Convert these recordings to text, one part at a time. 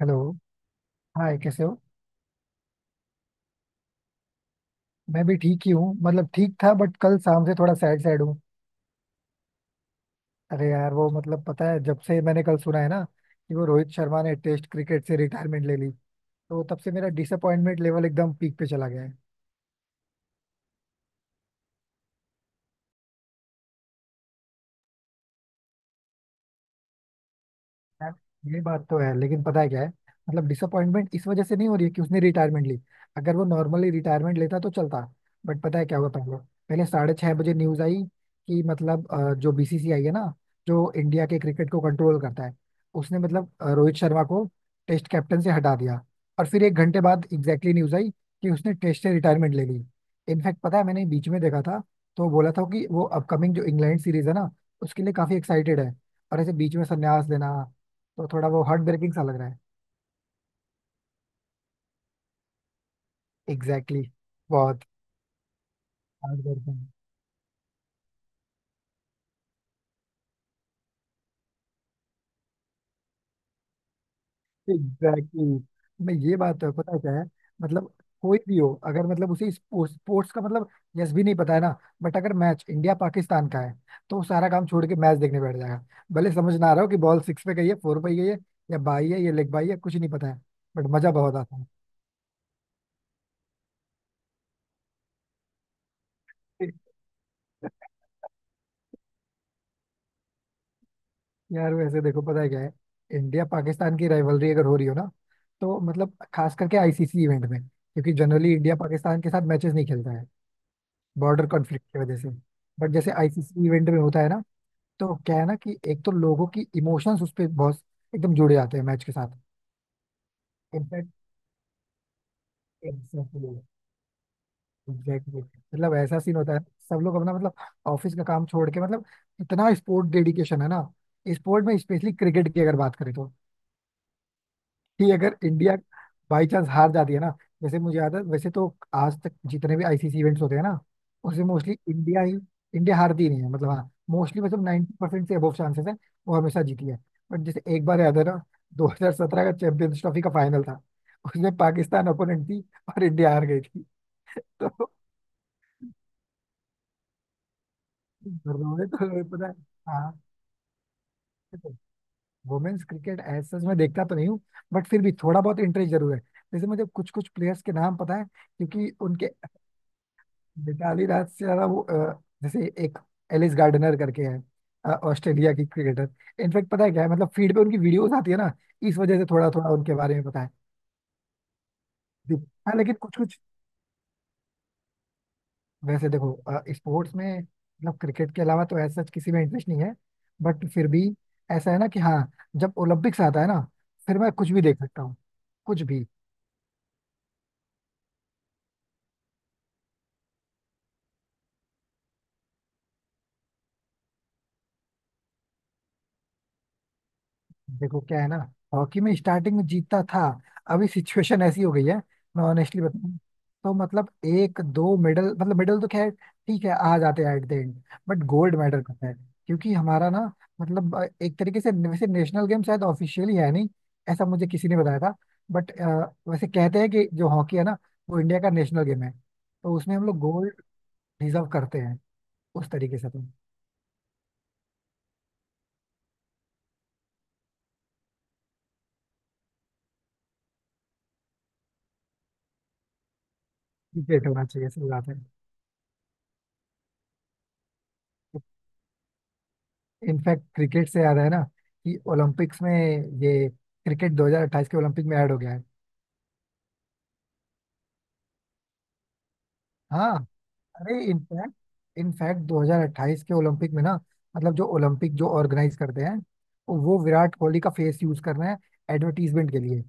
Hello. Hi, कैसे हो? मैं भी ठीक ही हूँ। मतलब ठीक था, बट कल शाम से थोड़ा सैड सैड हूँ। अरे यार, वो मतलब पता है, जब से मैंने कल सुना है ना कि वो रोहित शर्मा ने टेस्ट क्रिकेट से रिटायरमेंट ले ली, तो तब से मेरा डिसअपॉइंटमेंट लेवल एकदम पीक पे चला गया है। यार, ये बात तो है, लेकिन पता है क्या है? मतलब डिसअपॉइंटमेंट इस वजह से नहीं हो रही है कि उसने रिटायरमेंट ली। अगर वो नॉर्मली रिटायरमेंट लेता तो चलता। बट पता है क्या हुआ पहले पहले 6:30 बजे न्यूज आई कि मतलब जो बीसीसीआई है ना, जो इंडिया के क्रिकेट को कंट्रोल करता है, उसने मतलब रोहित शर्मा को टेस्ट कैप्टन से हटा दिया। और फिर 1 घंटे बाद एग्जैक्टली न्यूज आई कि उसने टेस्ट से रिटायरमेंट ले ली। इनफैक्ट पता है, मैंने बीच में देखा था तो बोला था कि वो अपकमिंग जो इंग्लैंड सीरीज है ना, उसके लिए काफी एक्साइटेड है। और ऐसे बीच में संन्यास लेना तो थोड़ा वो हार्ट ब्रेकिंग सा लग रहा है। एग्जैक्टली exactly, बहुत हार्ट ब्रेकिंग। एग्जैक्टली! मैं ये बात है, पता है क्या है? मतलब कोई भी हो, अगर मतलब उसे स्पोर्ट्स स्पोर्ट्स का मतलब यस भी नहीं पता है ना, बट अगर मैच इंडिया पाकिस्तान का है तो वो सारा काम छोड़ के मैच देखने बैठ जाएगा। भले समझ ना आ रहा हो कि बॉल सिक्स पे गई है, फोर पे गई है, या बाई है या लेग बाई है, कुछ नहीं पता है। बट मजा बहुत आता है। यार, वैसे देखो पता है क्या है? इंडिया पाकिस्तान की राइवलरी अगर हो रही हो ना, तो मतलब खास करके आईसीसी इवेंट में, क्योंकि जनरली इंडिया पाकिस्तान के साथ मैचेस नहीं खेलता है, बॉर्डर कॉन्फ्लिक्ट की वजह से। बट जैसे आईसीसी इवेंट में होता है ना, तो क्या है ना कि एक तो लोगों की इमोशंस उस पर बहुत एकदम जुड़े जाते हैं मैच के साथ। इनफैक्ट एग्जैक्टली, एग्जैक्टली मतलब ऐसा सीन होता है। सब लोग अपना मतलब ऑफिस का काम छोड़ के, मतलब इतना स्पोर्ट डेडिकेशन है ना स्पोर्ट में, स्पेशली क्रिकेट की अगर बात करें तो। कि अगर इंडिया बाई चांस हार जाती है ना, जैसे मुझे याद है। वैसे तो आज तक जितने भी आईसीसी इवेंट्स होते हैं ना, उसमें मोस्टली इंडिया ही, इंडिया हारती ही नहीं है। मतलब हाँ, मोस्टली, मतलब 90% परसेंट से अबव चांसेस है। वो हमेशा जीती है। बट जैसे एक बार याद है ना, 2017 का चैंपियंस ट्रॉफी का फाइनल था, उसमें पाकिस्तान ओपोनेंट थी और इंडिया हार गई थी। तो रोने तो रोए, पता है। हाँ, वुमेन्स क्रिकेट एज सच मैं देखता तो नहीं हूँ, बट फिर भी थोड़ा बहुत इंटरेस्ट जरूर है। जैसे मुझे कुछ कुछ प्लेयर्स के नाम पता है क्योंकि उनके, मिताली राज से ज्यादा वो जैसे एक एलिस गार्डनर करके है, ऑस्ट्रेलिया की क्रिकेटर। इनफैक्ट पता है क्या है, मतलब फीड पे उनकी वीडियोस आती है ना, इस वजह से थोड़ा थोड़ा उनके बारे में पता है। हाँ, लेकिन कुछ कुछ, वैसे देखो, स्पोर्ट्स में मतलब क्रिकेट के अलावा तो ऐसा किसी में इंटरेस्ट नहीं है, बट फिर भी ऐसा है ना कि हाँ, जब ओलंपिक्स आता है ना, फिर मैं कुछ भी देख सकता हूँ। कुछ भी। देखो क्या है ना, हॉकी में स्टार्टिंग में जीतता था। अभी सिचुएशन ऐसी हो गई है, मैं ऑनेस्टली बताऊं तो, मतलब एक दो मेडल, मतलब मेडल तो खैर ठीक है, आ जाते हैं at the end. But gold medal पता है, क्योंकि हमारा ना, मतलब एक तरीके से वैसे नेशनल गेम शायद ऑफिशियली है नहीं, ऐसा मुझे किसी ने बताया था। बट वैसे कहते हैं कि जो हॉकी है ना, वो इंडिया का नेशनल गेम है, तो उसमें हम लोग गोल्ड डिजर्व करते हैं उस तरीके से तो। क्रिकेट होना चाहिए, सही बात है। इनफैक्ट क्रिकेट से याद है ना कि ओलंपिक्स में ये क्रिकेट 2028 के ओलंपिक में ऐड हो गया है। हाँ, अरे इनफैक्ट इनफैक्ट 2028 के ओलंपिक में ना, मतलब जो ओलंपिक जो ऑर्गेनाइज करते हैं, वो विराट कोहली का फेस यूज कर रहे हैं एडवर्टीजमेंट के लिए।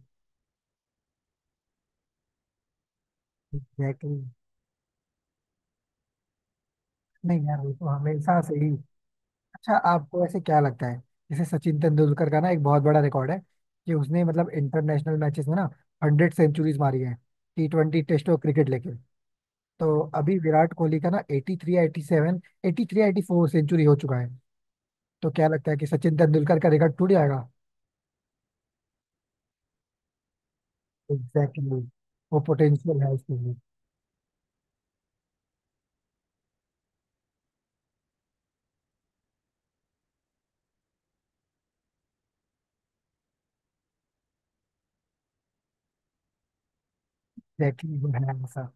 एग्जैक्टली। नहीं यार, वो तो हमेशा से ही। अच्छा, आपको ऐसे क्या लगता है, जैसे सचिन तेंदुलकर का ना एक बहुत बड़ा रिकॉर्ड है कि उसने मतलब इंटरनेशनल मैचेस में ना 100 सेंचुरीज मारी है, T20 टेस्ट और क्रिकेट लेके। तो अभी विराट कोहली का ना 83 87, 83 84 सेंचुरी हो चुका है। तो क्या लगता है कि सचिन तेंदुलकर का रिकॉर्ड टूट जाएगा? Exactly exactly. वो पोटेंशियल है इसके लिए। एग्जैक्टली, वो है ऐसा।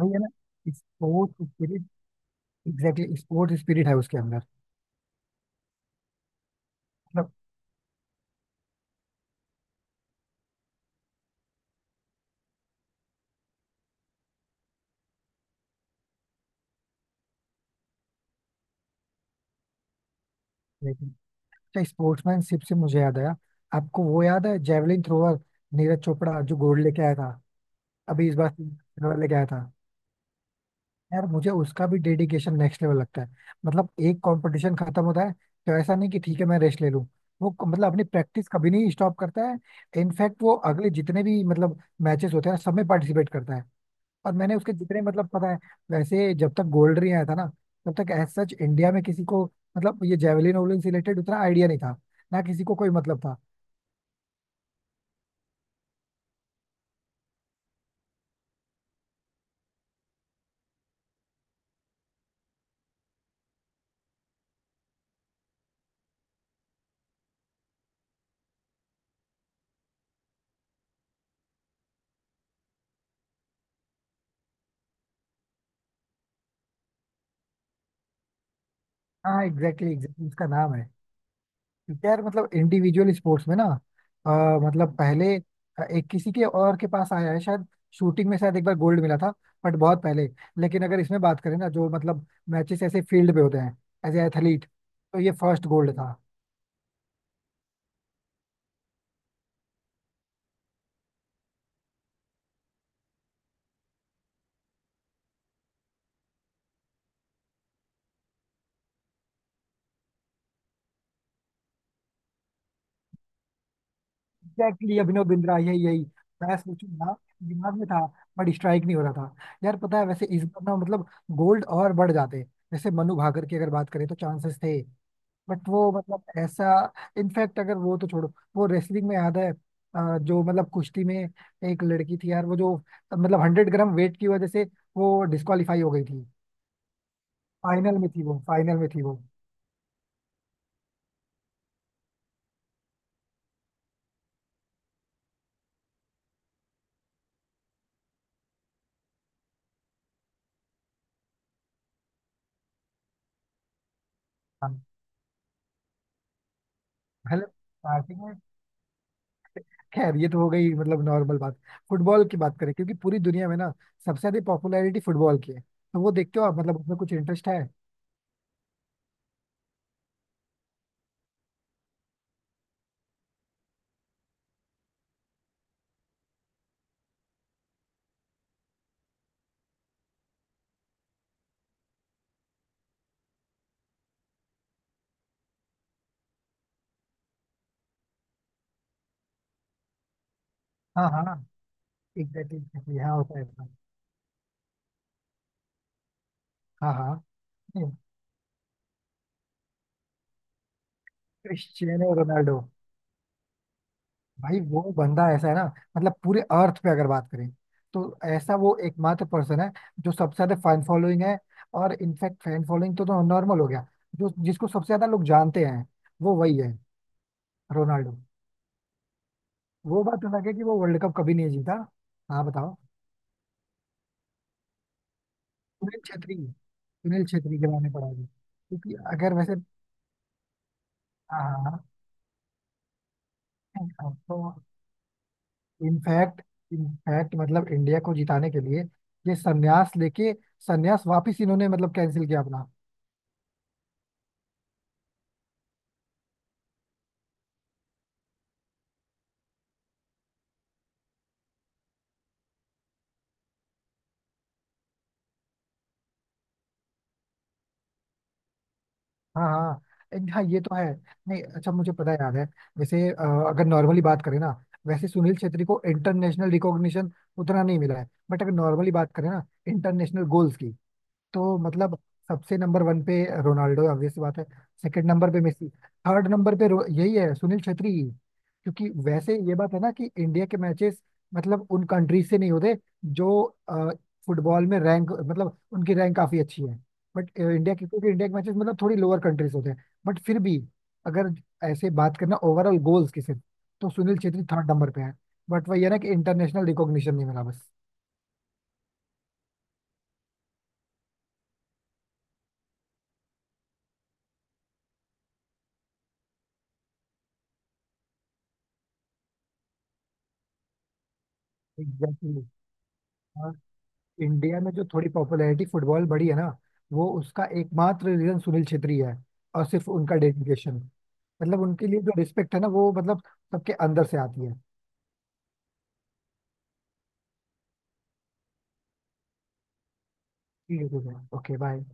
वही है ना, sports spirit. Exactly, sports spirit है उसके अंदर। मतलब लेकिन- अच्छा, स्पोर्ट्समैनशिप से मुझे याद आया, आपको वो याद है जेवलिन थ्रोअर नीरज चोपड़ा जो गोल्ड लेके आया था? अभी इस बार सिल्वर लेके आया था। यार मुझे उसका भी डेडिकेशन नेक्स्ट लेवल लगता है। मतलब एक कंपटीशन खत्म होता है तो ऐसा नहीं कि ठीक है, मैं रेस्ट ले लूं। मतलब अपनी प्रैक्टिस कभी नहीं स्टॉप करता है। इनफैक्ट वो अगले जितने भी मतलब मैचेस होते हैं, सब में पार्टिसिपेट करता है। और मैंने उसके जितने मतलब पता है, वैसे जब तक गोल्ड नहीं आया था ना, तब तक एज सच इंडिया में किसी को मतलब ये जेवलिन वोवलिन से रिलेटेड उतना आइडिया नहीं था, ना किसी को कोई मतलब था। हाँ एग्जैक्टली, एग्जैक्टली उसका नाम है। यार मतलब इंडिविजुअल स्पोर्ट्स में ना, अ, मतलब पहले एक किसी के और के पास आया है शायद, शूटिंग में शायद एक बार गोल्ड मिला था, बट बहुत पहले। लेकिन अगर इसमें बात करें ना जो मतलब मैचेस ऐसे फील्ड पे होते हैं एज ए एथलीट, तो ये फर्स्ट गोल्ड था। एग्जैक्टली अभिनव बिंद्रा, यही यही। मैं सोचू ना, दिमाग में था बट स्ट्राइक नहीं हो रहा था। यार पता है, वैसे इस बार ना मतलब गोल्ड और बढ़ जाते, जैसे मनु भाकर की अगर बात करें तो चांसेस थे, बट वो मतलब ऐसा। इनफैक्ट अगर वो तो छोड़ो, वो रेसलिंग में याद है जो मतलब कुश्ती में एक लड़की थी यार वो जो मतलब 100 ग्राम वेट की वजह से वो डिस्qualify हो गई थी। फाइनल में थी वो, फाइनल में थी वो। हाँ मतलब starting में, खैर ये तो हो गई मतलब नॉर्मल बात। फुटबॉल की बात करें, क्योंकि पूरी दुनिया में ना सबसे ज्यादा पॉपुलैरिटी फुटबॉल की है, तो वो देखते हो आप? मतलब उसमें कुछ इंटरेस्ट है? हाँ हाँ। एग्जैक्टली हाँ, होता है ऐसा। हाँ हाँ, क्रिस्टियानो रोनाल्डो। भाई वो बंदा ऐसा है ना, मतलब पूरे अर्थ पे अगर बात करें तो ऐसा वो एकमात्र पर्सन है जो सबसे ज्यादा फैन फॉलोइंग है। और इनफैक्ट फैन फॉलोइंग तो नॉर्मल हो गया, जो जिसको सबसे ज्यादा लोग जानते हैं वो वही है, रोनाल्डो। वो बात अलग है कि वो वर्ल्ड कप कभी नहीं जीता। हाँ बताओ। सुनील छेत्री, सुनील छेत्री के बारे में पढ़ा जी? क्योंकि अगर वैसे, हाँ हाँ, हाँ, हाँ, तो इनफैक्ट, इनफैक्ट मतलब इंडिया को जिताने के लिए ये संन्यास लेके, संन्यास वापिस इन्होंने मतलब कैंसिल किया अपना। हाँ हाँ। हाँ ये तो है। नहीं अच्छा, मुझे पता याद है वैसे, अगर नॉर्मली बात करें ना, वैसे सुनील छेत्री को इंटरनेशनल रिकॉग्निशन उतना नहीं मिला है, बट अगर नॉर्मली बात करें ना इंटरनेशनल गोल्स की, तो मतलब सबसे नंबर वन पे रोनाल्डो, ऑब्वियस बात है। सेकंड नंबर पे मेसी, थर्ड नंबर पे यही है, सुनील छेत्री। क्योंकि वैसे ये बात है ना कि इंडिया के मैचेस मतलब उन कंट्री से नहीं होते जो फुटबॉल में रैंक, मतलब उनकी रैंक काफी अच्छी है। बट इंडिया के, क्योंकि इंडिया के मैचेस मतलब थोड़ी लोअर कंट्रीज होते हैं, बट फिर भी अगर ऐसे बात करना ओवरऑल गोल्स की सिर्फ, तो सुनील छेत्री थर्ड नंबर पे है। बट वही है ना कि इंटरनेशनल रिकॉग्निशन नहीं मिला बस। एग्जैक्टली। इंडिया में जो थोड़ी पॉपुलैरिटी फुटबॉल बढ़ी है ना, वो उसका एकमात्र रीजन सुनील छेत्री है। और सिर्फ उनका डेडिकेशन, मतलब उनके लिए जो रिस्पेक्ट है ना, वो मतलब सबके अंदर से आती है। ठीक है ठीक है, ओके बाय।